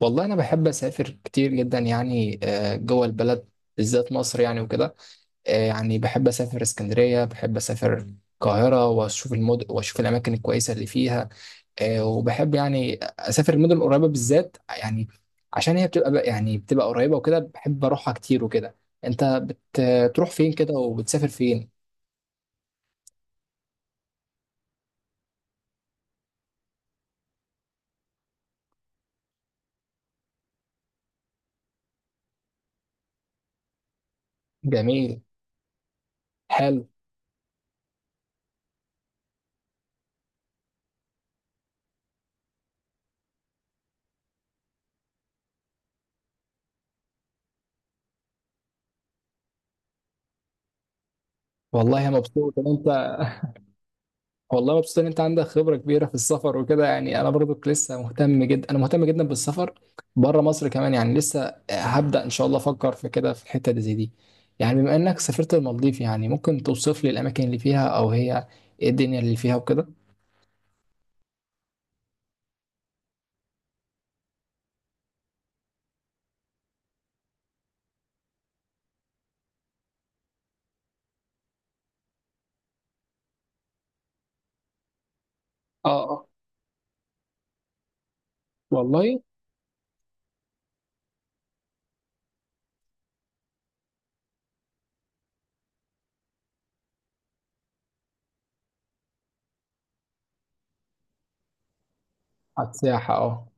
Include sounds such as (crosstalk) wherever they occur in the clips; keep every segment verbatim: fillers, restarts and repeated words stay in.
والله انا بحب اسافر كتير جدا يعني آه، جوه البلد بالذات مصر يعني وكده. آه، يعني بحب اسافر اسكندريه، بحب اسافر القاهره واشوف المدن واشوف الاماكن الكويسه اللي فيها. آه، وبحب يعني اسافر المدن القريبه بالذات، يعني عشان هي بتبقى بقى- يعني بتبقى قريبه وكده، بحب اروحها كتير وكده. انت بت- بتروح فين كده وبتسافر فين؟ جميل. حلو. والله يا مبسوط ان انت، والله مبسوط ان انت عندك خبره كبيره في السفر وكده، يعني انا برضك لسه مهتم جدا، انا مهتم جدا بالسفر بره مصر كمان، يعني لسه هبدا ان شاء الله افكر في كده في الحته دي زي دي. يعني بما انك سافرت المالديف، يعني ممكن توصف لي الاماكن اللي فيها او هي ايه الدنيا اللي فيها وكده؟ اه اه. والله. على السياحه اه.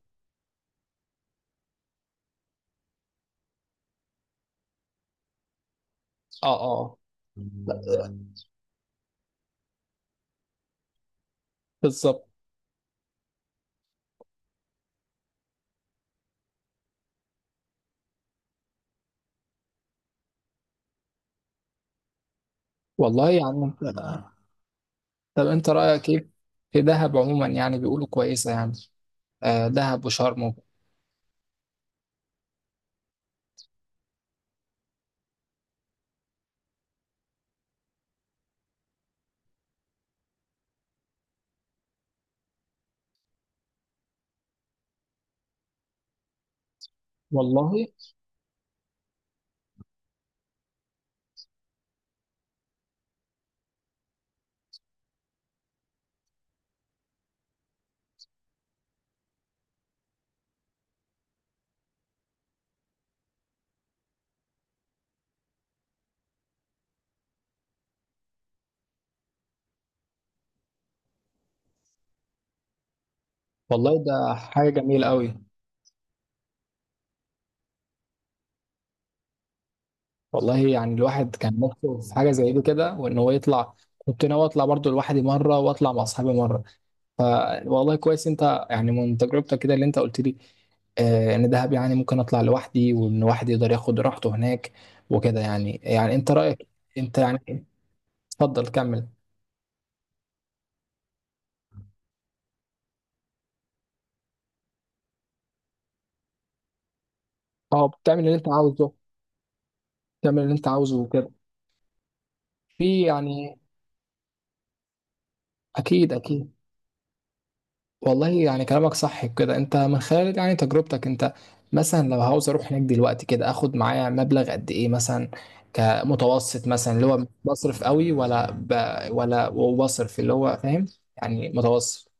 اه اه. بالظبط. والله يعني انت، طب انت رايك ايه في دهب عموما؟ يعني بيقولوا كويسه يعني، آه دهب وشرم. والله. والله ده حاجه جميله قوي. والله يعني الواحد كان نفسه في حاجه زي دي كده، وان هو يطلع. كنت ناوي اطلع برضو لوحدي مره واطلع مع اصحابي مره. فوالله كويس انت يعني من تجربتك كده اللي انت قلت لي، آه ان دهب يعني ممكن اطلع لوحدي، وان واحد يقدر ياخد راحته هناك وكده. يعني يعني انت رايك انت يعني، اتفضل كمل. اه، بتعمل اللي انت عاوزه. بتعمل اللي انت عاوزه وكده. في يعني. اكيد اكيد. والله يعني كلامك صح كده. انت من خلال يعني تجربتك انت، مثلا لو عاوز اروح هناك دلوقتي كده، اخد معايا مبلغ قد ايه مثلا؟ كمتوسط مثلا، اللي هو مش بصرف قوي ولا ب... ولا وبصرف، اللي هو فاهم يعني متوسط.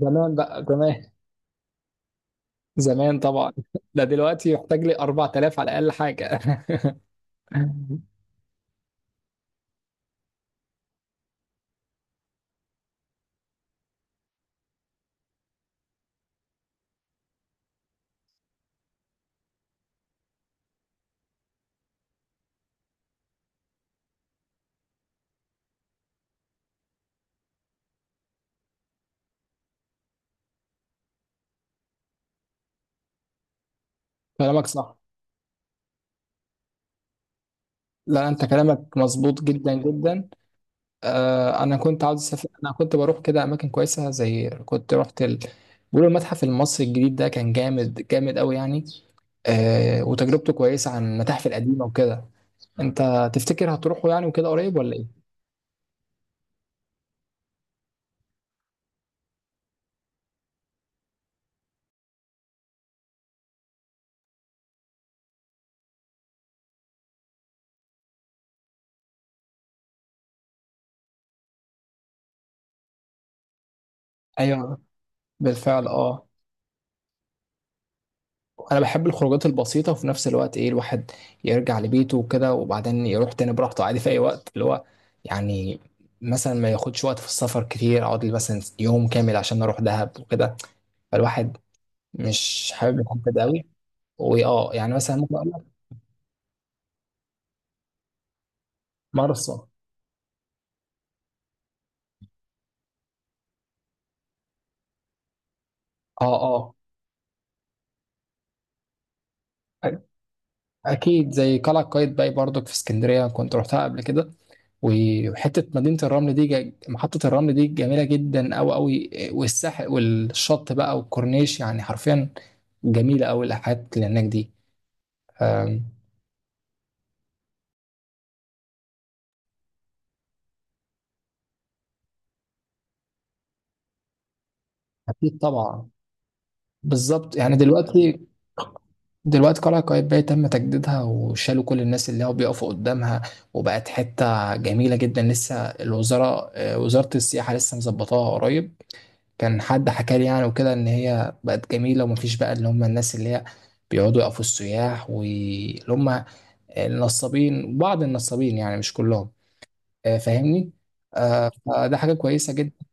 زمان بقى زمان. زمان طبعا (laughs) ده دلوقتي يحتاج لي أربعة تلاف على الاقل حاجة. (laughs) كلامك صح. لا انت كلامك مظبوط جدا جدا. آه، انا كنت عاوز اسافر، انا كنت بروح كده اماكن كويسه، زي كنت رحت ال... بيقولوا المتحف المصري الجديد ده كان جامد جامد قوي يعني. آه، وتجربته كويسه عن المتاحف القديمه وكده. انت تفتكر هتروحوا يعني وكده قريب ولا ايه؟ ايوه. بالفعل اه. انا بحب الخروجات البسيطه، وفي نفس الوقت ايه، الواحد يرجع لبيته وكده، وبعدين يروح تاني براحته عادي في اي وقت اللي هو يعني. مثلا ما ياخدش وقت في السفر كتير، اقعد لي مثلا يوم كامل عشان اروح دهب وكده. فالواحد مش حابب الحته ده قوي. واه يعني مثلا ممكن اقول لك. مرسى اه. اه. أ- اكيد زي قلعه قايتباي برضك في اسكندريه، كنت رحتها قبل كده. وحته مدينه الرمل دي، جا- محطه الرمل دي جميله جدا قوي قوي، والساحل والشط بقى والكورنيش، يعني حرفيا جميله قوي الحاجات اللي هناك دي. أم، اكيد طبعا. بالظبط. يعني دلوقتي، دلوقتي قلعة قايتباي تم تجديدها، وشالوا كل الناس اللي هو بيقفوا قدامها، وبقت حتة جميلة جدا. لسه الوزارة آه، وزارة السياحة لسه مظبطاها قريب. كان حد حكى لي يعني وكده إن هي بقت جميلة، ومفيش بقى اللي هم الناس اللي هي بيقعدوا يقفوا السياح، واللي هم النصابين، بعض النصابين يعني مش كلهم. آه، فاهمني؟ آه، فده حاجة كويسة جدا.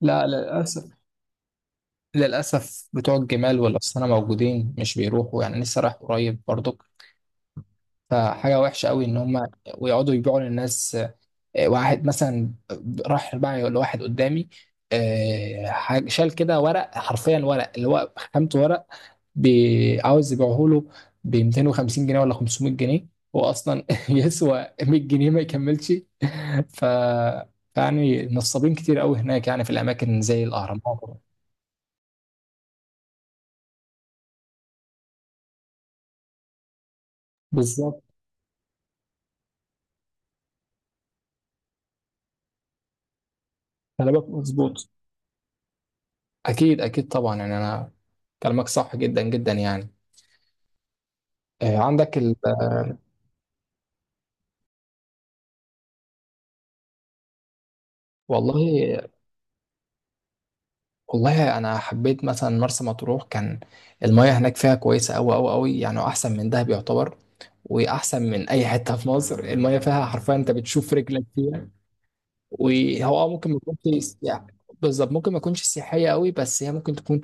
لا للأسف، للأسف بتوع الجمال والأسطنة موجودين مش بيروحوا. يعني لسه رايح قريب برضو. فحاجة وحشة قوي إن هما ويقعدوا يبيعوا للناس. آه، واحد مثلا راح بقى لواحد قدامي، آه حاج- شال كده ورق، حرفيا ورق اللي هو خامته ورق، بي- عاوز يبيعه له ب مئتين وخمسين جنيه ولا خمسمية جنيه، هو أصلا (laughs) يسوى مية جنيه ما يكملش. ف يعني نصابين كتير قوي هناك يعني، في الأماكن زي الأهرامات. بالظبط. كلامك مظبوط. أكيد أكيد طبعا، يعني أنا كلامك صح جدا جدا يعني. آه، عندك ال. والله والله انا حبيت مثلا مرسى مطروح، كان المياه هناك فيها كويسه قوي قوي قوي يعني، احسن من دهب يعتبر، واحسن من اي حته في مصر. المياه فيها حرفيا انت بتشوف رجلك فيها. وهو آه ممكن ما تكونش سياح- بالظبط، ممكن ما تكونش سياحيه قوي، بس هي ممكن تكون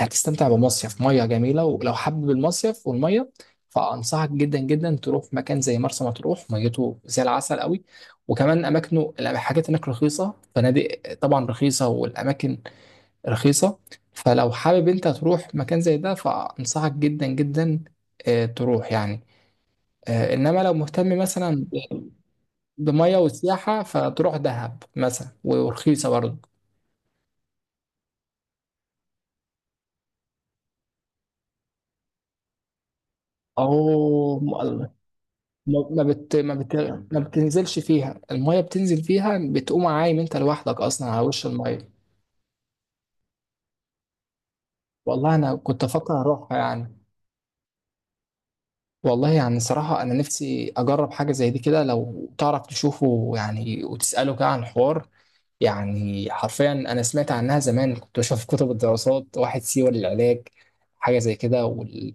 هتستمتع بمصيف مياه جميله. ولو حابب المصيف والمياه، فانصحك جدا جدا تروح مكان زي مرسى مطروح، ميته زي العسل قوي، وكمان اماكنه الحاجات هناك رخيصه، فنادق طبعا رخيصه والاماكن رخيصة. فلو حابب انت تروح مكان زي ده، فأنصحك جدا جدا آه، تروح يعني. آه، انما لو مهتم مثلا بمية وسياحة، فتروح دهب مثلا، ورخيصة برضه. او ما، ما بت ما بت ما بتنزلش فيها المية، بتنزل فيها بتقوم عايم انت لوحدك اصلا على وش المية. والله انا كنت افكر اروحها يعني. والله يعني صراحة أنا نفسي أجرب حاجة زي دي كده. لو تعرف تشوفه يعني وتسأله كده عن الحوار، يعني حرفيا انا سمعت عنها زمان، كنت بشوف كتب الدراسات واحد سيوة للعلاج، حاجه زي كده وال.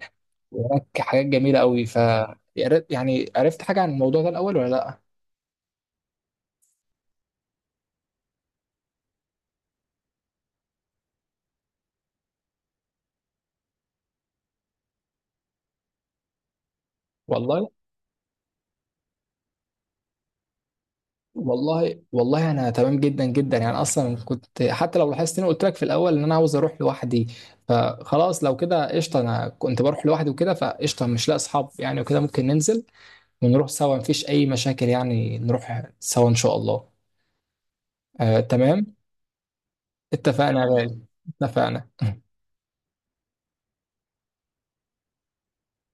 وهناك حاجات جميله قوي ف يا ريت- يعني عرفت حاجه عن الموضوع ده الاول ولا لا؟ والله. والله والله انا تمام جدا جدا يعني. اصلا كنت، حتى لو لاحظت اني قلت لك في الاول ان انا عاوز اروح لوحدي، فخلاص لو كده قشطه. انا كنت بروح لوحدي وكده، فقشطه مش لاقي اصحاب يعني وكده، ممكن ننزل ونروح سوا، مفيش اي مشاكل يعني، نروح سوا ان شاء الله. آه تمام. اتفقنا يا غالي. اتفقنا.